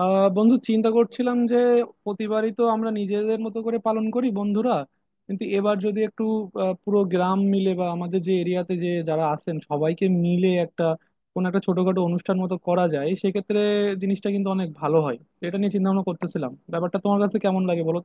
বন্ধু, চিন্তা করছিলাম যে প্রতিবারই তো আমরা নিজেদের মতো করে পালন করি বন্ধুরা, কিন্তু এবার যদি একটু পুরো গ্রাম মিলে বা আমাদের যে এরিয়াতে যে যারা আছেন সবাইকে মিলে একটা কোনো একটা ছোটখাটো অনুষ্ঠান মতো করা যায়, সেক্ষেত্রে জিনিসটা কিন্তু অনেক ভালো হয়। এটা নিয়ে চিন্তা ভাবনা করতেছিলাম, ব্যাপারটা তোমার কাছে কেমন লাগে বলো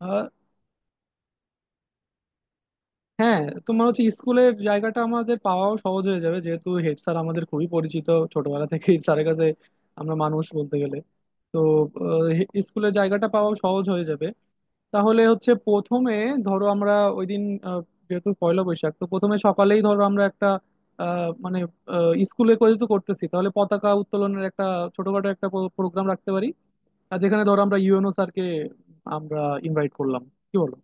তো। হ্যাঁ, তোমার হচ্ছে স্কুলের জায়গাটা আমাদের পাওয়াও সহজ হয়ে যাবে, যেহেতু হেড স্যার আমাদের খুবই পরিচিত, ছোটবেলা থেকে স্যারের কাছে আমরা মানুষ বলতে গেলে। তো স্কুলের জায়গাটা পাওয়াও সহজ হয়ে যাবে। তাহলে হচ্ছে প্রথমে ধরো আমরা ওই দিন, আহ, যেহেতু পয়লা বৈশাখ, তো প্রথমে সকালেই ধরো আমরা একটা আহ, মানে স্কুলে করে তো করতেছি, তাহলে পতাকা উত্তোলনের একটা ছোটখাটো একটা প্রোগ্রাম রাখতে পারি। আর যেখানে ধরো আমরা ইউএনও স্যারকে আমরা ইনভাইট করলাম। কি বলো?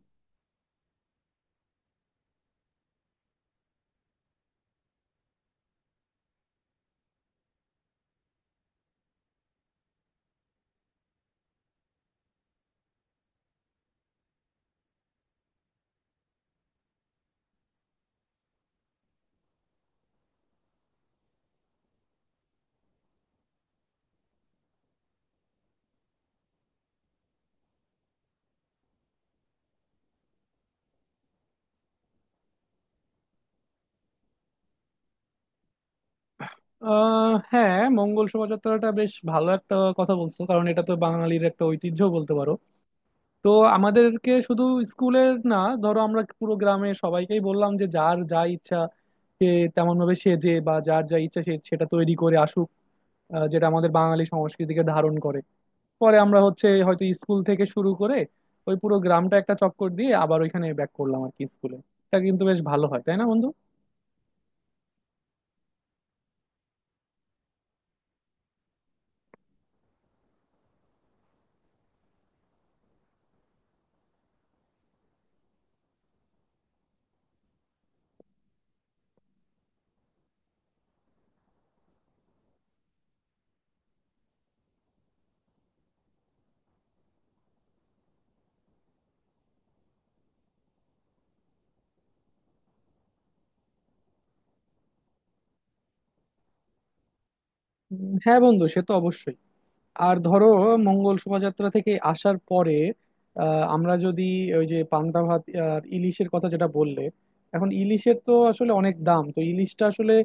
হ্যাঁ, মঙ্গল শোভাযাত্রাটা বেশ ভালো একটা কথা বলছো, কারণ এটা তো বাঙালির একটা ঐতিহ্য বলতে পারো। তো আমাদেরকে শুধু স্কুলের না, ধরো আমরা পুরো গ্রামে সবাইকেই বললাম যে যার যা ইচ্ছা সে তেমন ভাবে সেজে বা যার যা ইচ্ছা সে সেটা তৈরি করে আসুক, যেটা আমাদের বাঙালি সংস্কৃতিকে ধারণ করে। পরে আমরা হচ্ছে হয়তো স্কুল থেকে শুরু করে ওই পুরো গ্রামটা একটা চক্কর দিয়ে আবার ওইখানে ব্যাক করলাম আর কি, স্কুলে। এটা কিন্তু বেশ ভালো হয়, তাই না বন্ধু? হ্যাঁ বন্ধু, সে তো অবশ্যই। আর ধরো মঙ্গল শোভাযাত্রা থেকে আসার পরে আমরা যদি ওই যে পান্তা ভাত আর ইলিশের কথা যেটা বললে, এখন ইলিশের তো আসলে অনেক দাম, তো ইলিশটা আসলে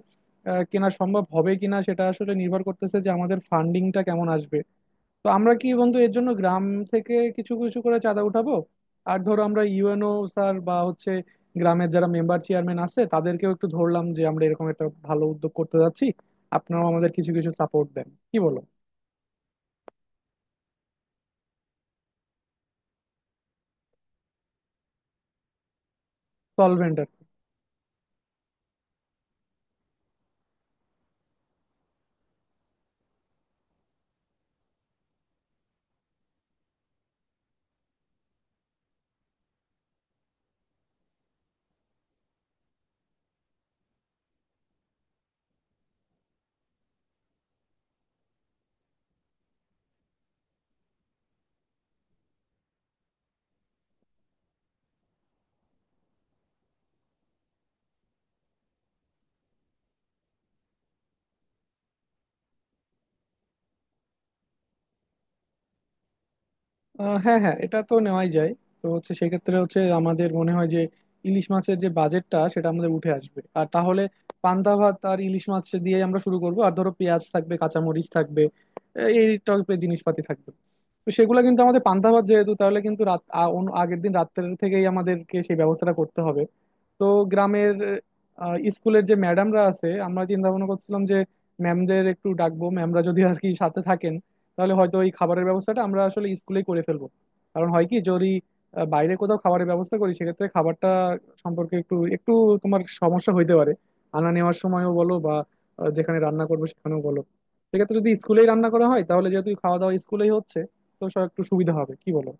কেনা সম্ভব হবে কিনা সেটা আসলে নির্ভর করতেছে যে আমাদের ফান্ডিংটা কেমন আসবে। তো আমরা কি বন্ধু এর জন্য গ্রাম থেকে কিছু কিছু করে চাঁদা উঠাবো? আর ধরো আমরা ইউএনও স্যার বা হচ্ছে গ্রামের যারা মেম্বার চেয়ারম্যান আছে তাদেরকেও একটু ধরলাম যে আমরা এরকম একটা ভালো উদ্যোগ করতে যাচ্ছি, আপনারাও আমাদের কিছু কিছু সাপোর্ট দেন। কি বলো? সলভেন্ট। হ্যাঁ হ্যাঁ, এটা তো নেওয়াই যায়। তো হচ্ছে সেক্ষেত্রে হচ্ছে আমাদের মনে হয় যে ইলিশ মাছের যে বাজেটটা সেটা আমাদের উঠে আসবে। আর তাহলে পান্তা ভাত আর ইলিশ মাছ দিয়ে আমরা শুরু করব। আর ধরো পেঁয়াজ থাকবে, কাঁচামরিচ থাকবে, আহ, এই টাইপের জিনিসপাতি থাকবে। তো সেগুলো কিন্তু আমাদের পান্তা ভাত যেহেতু, তাহলে কিন্তু আগের দিন রাত্রের থেকেই আমাদেরকে সেই ব্যবস্থাটা করতে হবে। তো গ্রামের স্কুলের যে ম্যাডামরা আছে আমরা চিন্তা ভাবনা করছিলাম যে ম্যামদের একটু ডাকবো, ম্যামরা যদি আর কি সাথে থাকেন তাহলে হয়তো এই খাবারের ব্যবস্থাটা আমরা আসলে স্কুলেই করে ফেলবো। কারণ হয় কি, যদি বাইরে কোথাও খাবারের ব্যবস্থা করি, সেক্ষেত্রে খাবারটা সম্পর্কে একটু একটু তোমার সমস্যা হইতে পারে, আনা নেওয়ার সময়ও বলো বা যেখানে রান্না করবো সেখানেও বলো। সেক্ষেত্রে যদি স্কুলেই রান্না করা হয় তাহলে যেহেতু খাওয়া দাওয়া স্কুলেই হচ্ছে, তো সব একটু সুবিধা হবে। কি বলো?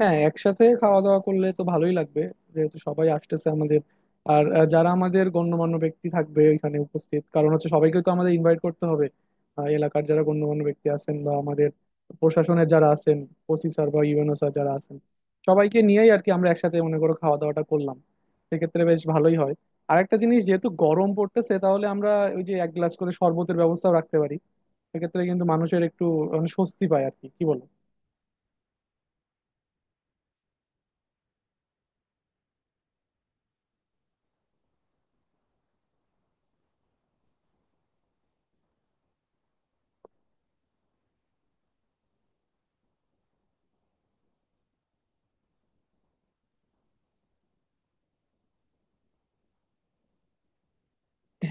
হ্যাঁ, একসাথে খাওয়া দাওয়া করলে তো ভালোই লাগবে, যেহেতু সবাই আসতেছে আমাদের। আর আহ, যারা আমাদের গণ্যমান্য ব্যক্তি থাকবে এখানে উপস্থিত, কারণ হচ্ছে সবাইকে তো আমাদের ইনভাইট করতে হবে। এলাকার যারা গণ্যমান্য ব্যক্তি আছেন বা আমাদের প্রশাসনের যারা আছেন, ওসি স্যার বা ইউএনও স্যার যারা আছেন, সবাইকে নিয়েই আর কি আমরা একসাথে মনে করো খাওয়া দাওয়াটা করলাম, সেক্ষেত্রে বেশ ভালোই হয়। আর একটা জিনিস, যেহেতু গরম পড়তেছে, তাহলে আমরা ওই যে এক গ্লাস করে শরবতের ব্যবস্থাও রাখতে পারি, সেক্ষেত্রে কিন্তু মানুষের একটু মানে স্বস্তি পায় আর কি। কি বল?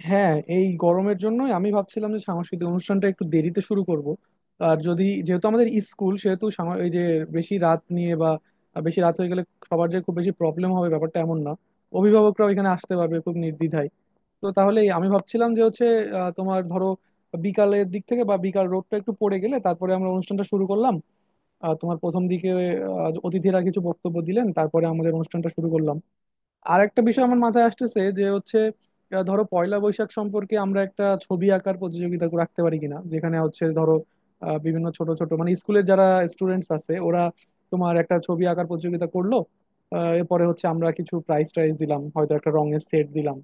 হ্যাঁ, এই গরমের জন্যই আমি ভাবছিলাম যে সাংস্কৃতিক অনুষ্ঠানটা একটু দেরিতে শুরু করব। আর যদি যেহেতু আমাদের স্কুল সেহেতু এই যে বেশি রাত নিয়ে বা বেশি রাত হয়ে গেলে সবার যে খুব বেশি প্রবলেম হবে ব্যাপারটা এমন না, অভিভাবকরাও এখানে আসতে পারবে খুব নির্দ্বিধায়। তো তাহলে আমি ভাবছিলাম যে হচ্ছে আহ, তোমার ধরো বিকালের দিক থেকে বা বিকাল রোডটা একটু পড়ে গেলে তারপরে আমরা অনুষ্ঠানটা শুরু করলাম। তোমার প্রথম দিকে অতিথিরা কিছু বক্তব্য দিলেন, তারপরে আমাদের অনুষ্ঠানটা শুরু করলাম। আর একটা বিষয় আমার মাথায় আসতেছে যে হচ্ছে ধরো পয়লা বৈশাখ সম্পর্কে আমরা একটা ছবি আঁকার প্রতিযোগিতা রাখতে পারি কিনা, যেখানে হচ্ছে ধরো বিভিন্ন ছোট ছোট মানে স্কুলের যারা স্টুডেন্টস আছে ওরা তোমার একটা ছবি আঁকার প্রতিযোগিতা করলো। এরপরে হচ্ছে আমরা কিছু প্রাইজ টাইজ দিলাম, হয়তো একটা রঙের সেট দিলাম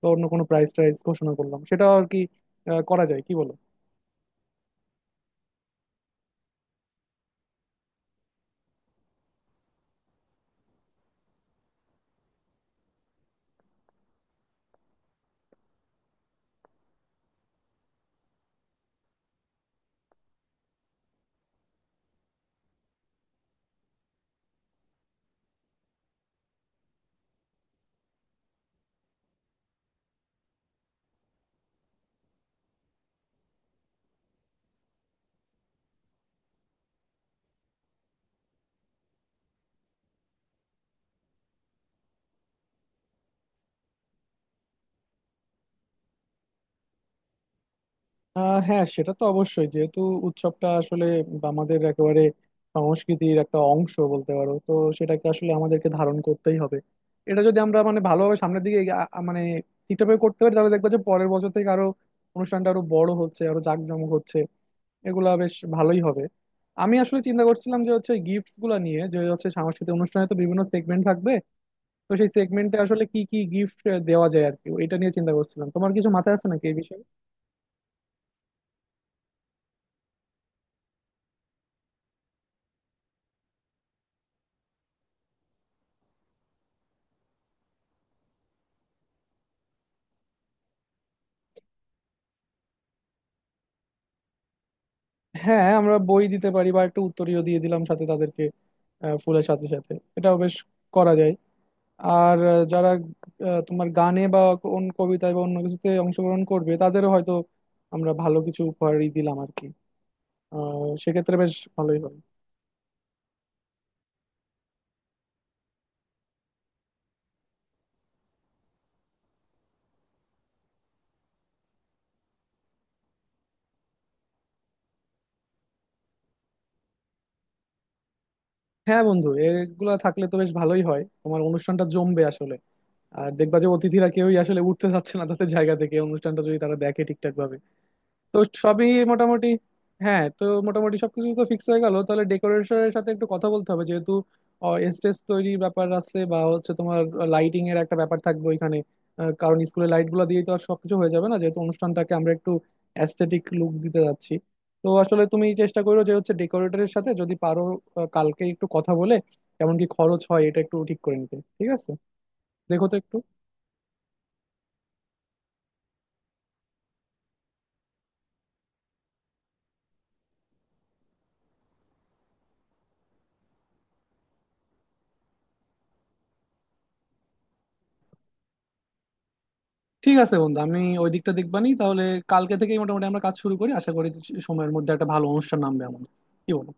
বা অন্য কোনো প্রাইজ টাইজ ঘোষণা করলাম, সেটাও আর কি করা যায়। কি বলো? হ্যাঁ, সেটা তো অবশ্যই, যেহেতু উৎসবটা আসলে আমাদের একেবারে সংস্কৃতির একটা অংশ বলতে পারো। তো সেটাকে আসলে আমাদেরকে ধারণ করতেই হবে। এটা যদি আমরা মানে ভালোভাবে সামনের দিকে মানে ঠিকঠাকভাবে করতে পারি তাহলে দেখবো যে পরের বছর থেকে আরো অনুষ্ঠানটা আরো বড় হচ্ছে, আরো জাঁকজমক হচ্ছে। এগুলা বেশ ভালোই হবে। আমি আসলে চিন্তা করছিলাম যে হচ্ছে গিফটস গুলা নিয়ে, যে হচ্ছে সাংস্কৃতিক অনুষ্ঠানে তো বিভিন্ন সেগমেন্ট থাকবে, তো সেই সেগমেন্টে আসলে কি কি গিফট দেওয়া যায় আর কি, এটা নিয়ে চিন্তা করছিলাম। তোমার কিছু মাথায় আছে নাকি এই বিষয়ে? হ্যাঁ, আমরা বই দিতে পারি বা একটা উত্তরীয় দিয়ে দিলাম সাথে তাদেরকে, ফুলের সাথে সাথে। এটাও বেশ করা যায়। আর আহ, যারা তোমার গানে বা কোন কবিতায় বা অন্য কিছুতে অংশগ্রহণ করবে তাদেরও হয়তো আমরা ভালো কিছু উপহারই দিলাম আর কি। সেক্ষেত্রে বেশ ভালোই হয়। হ্যাঁ বন্ধু, এগুলা থাকলে তো বেশ ভালোই হয়, তোমার অনুষ্ঠানটা জমবে আসলে। আর দেখবা যে অতিথিরা কেউই আসলে উঠতে চাচ্ছে না তাদের জায়গা থেকে, অনুষ্ঠানটা যদি তারা দেখে ঠিকঠাক ভাবে। তো সবই মোটামুটি। হ্যাঁ, তো মোটামুটি সবকিছু তো ফিক্স হয়ে গেল। তাহলে ডেকোরেশনের সাথে একটু কথা বলতে হবে, যেহেতু স্টেজ তৈরির ব্যাপার আছে বা হচ্ছে তোমার লাইটিং এর একটা ব্যাপার থাকবে ওইখানে। কারণ স্কুলের লাইট গুলো দিয়ে তো আর সবকিছু হয়ে যাবে না, যেহেতু অনুষ্ঠানটাকে আমরা একটু অ্যাস্থেটিক লুক দিতে যাচ্ছি। তো আসলে তুমি চেষ্টা করো যে হচ্ছে ডেকোরেটরের সাথে যদি পারো কালকে একটু কথা বলে কেমন কি খরচ হয় এটা একটু ঠিক করে নিতে। ঠিক আছে? দেখো তো একটু। ঠিক আছে বন্ধু, আমি ওই দিকটা দেখবানি তাহলে। কালকে থেকেই মোটামুটি আমরা কাজ শুরু করি, আশা করি সময়ের মধ্যে একটা ভালো অনুষ্ঠান নামবে আমাদের। কি বলো?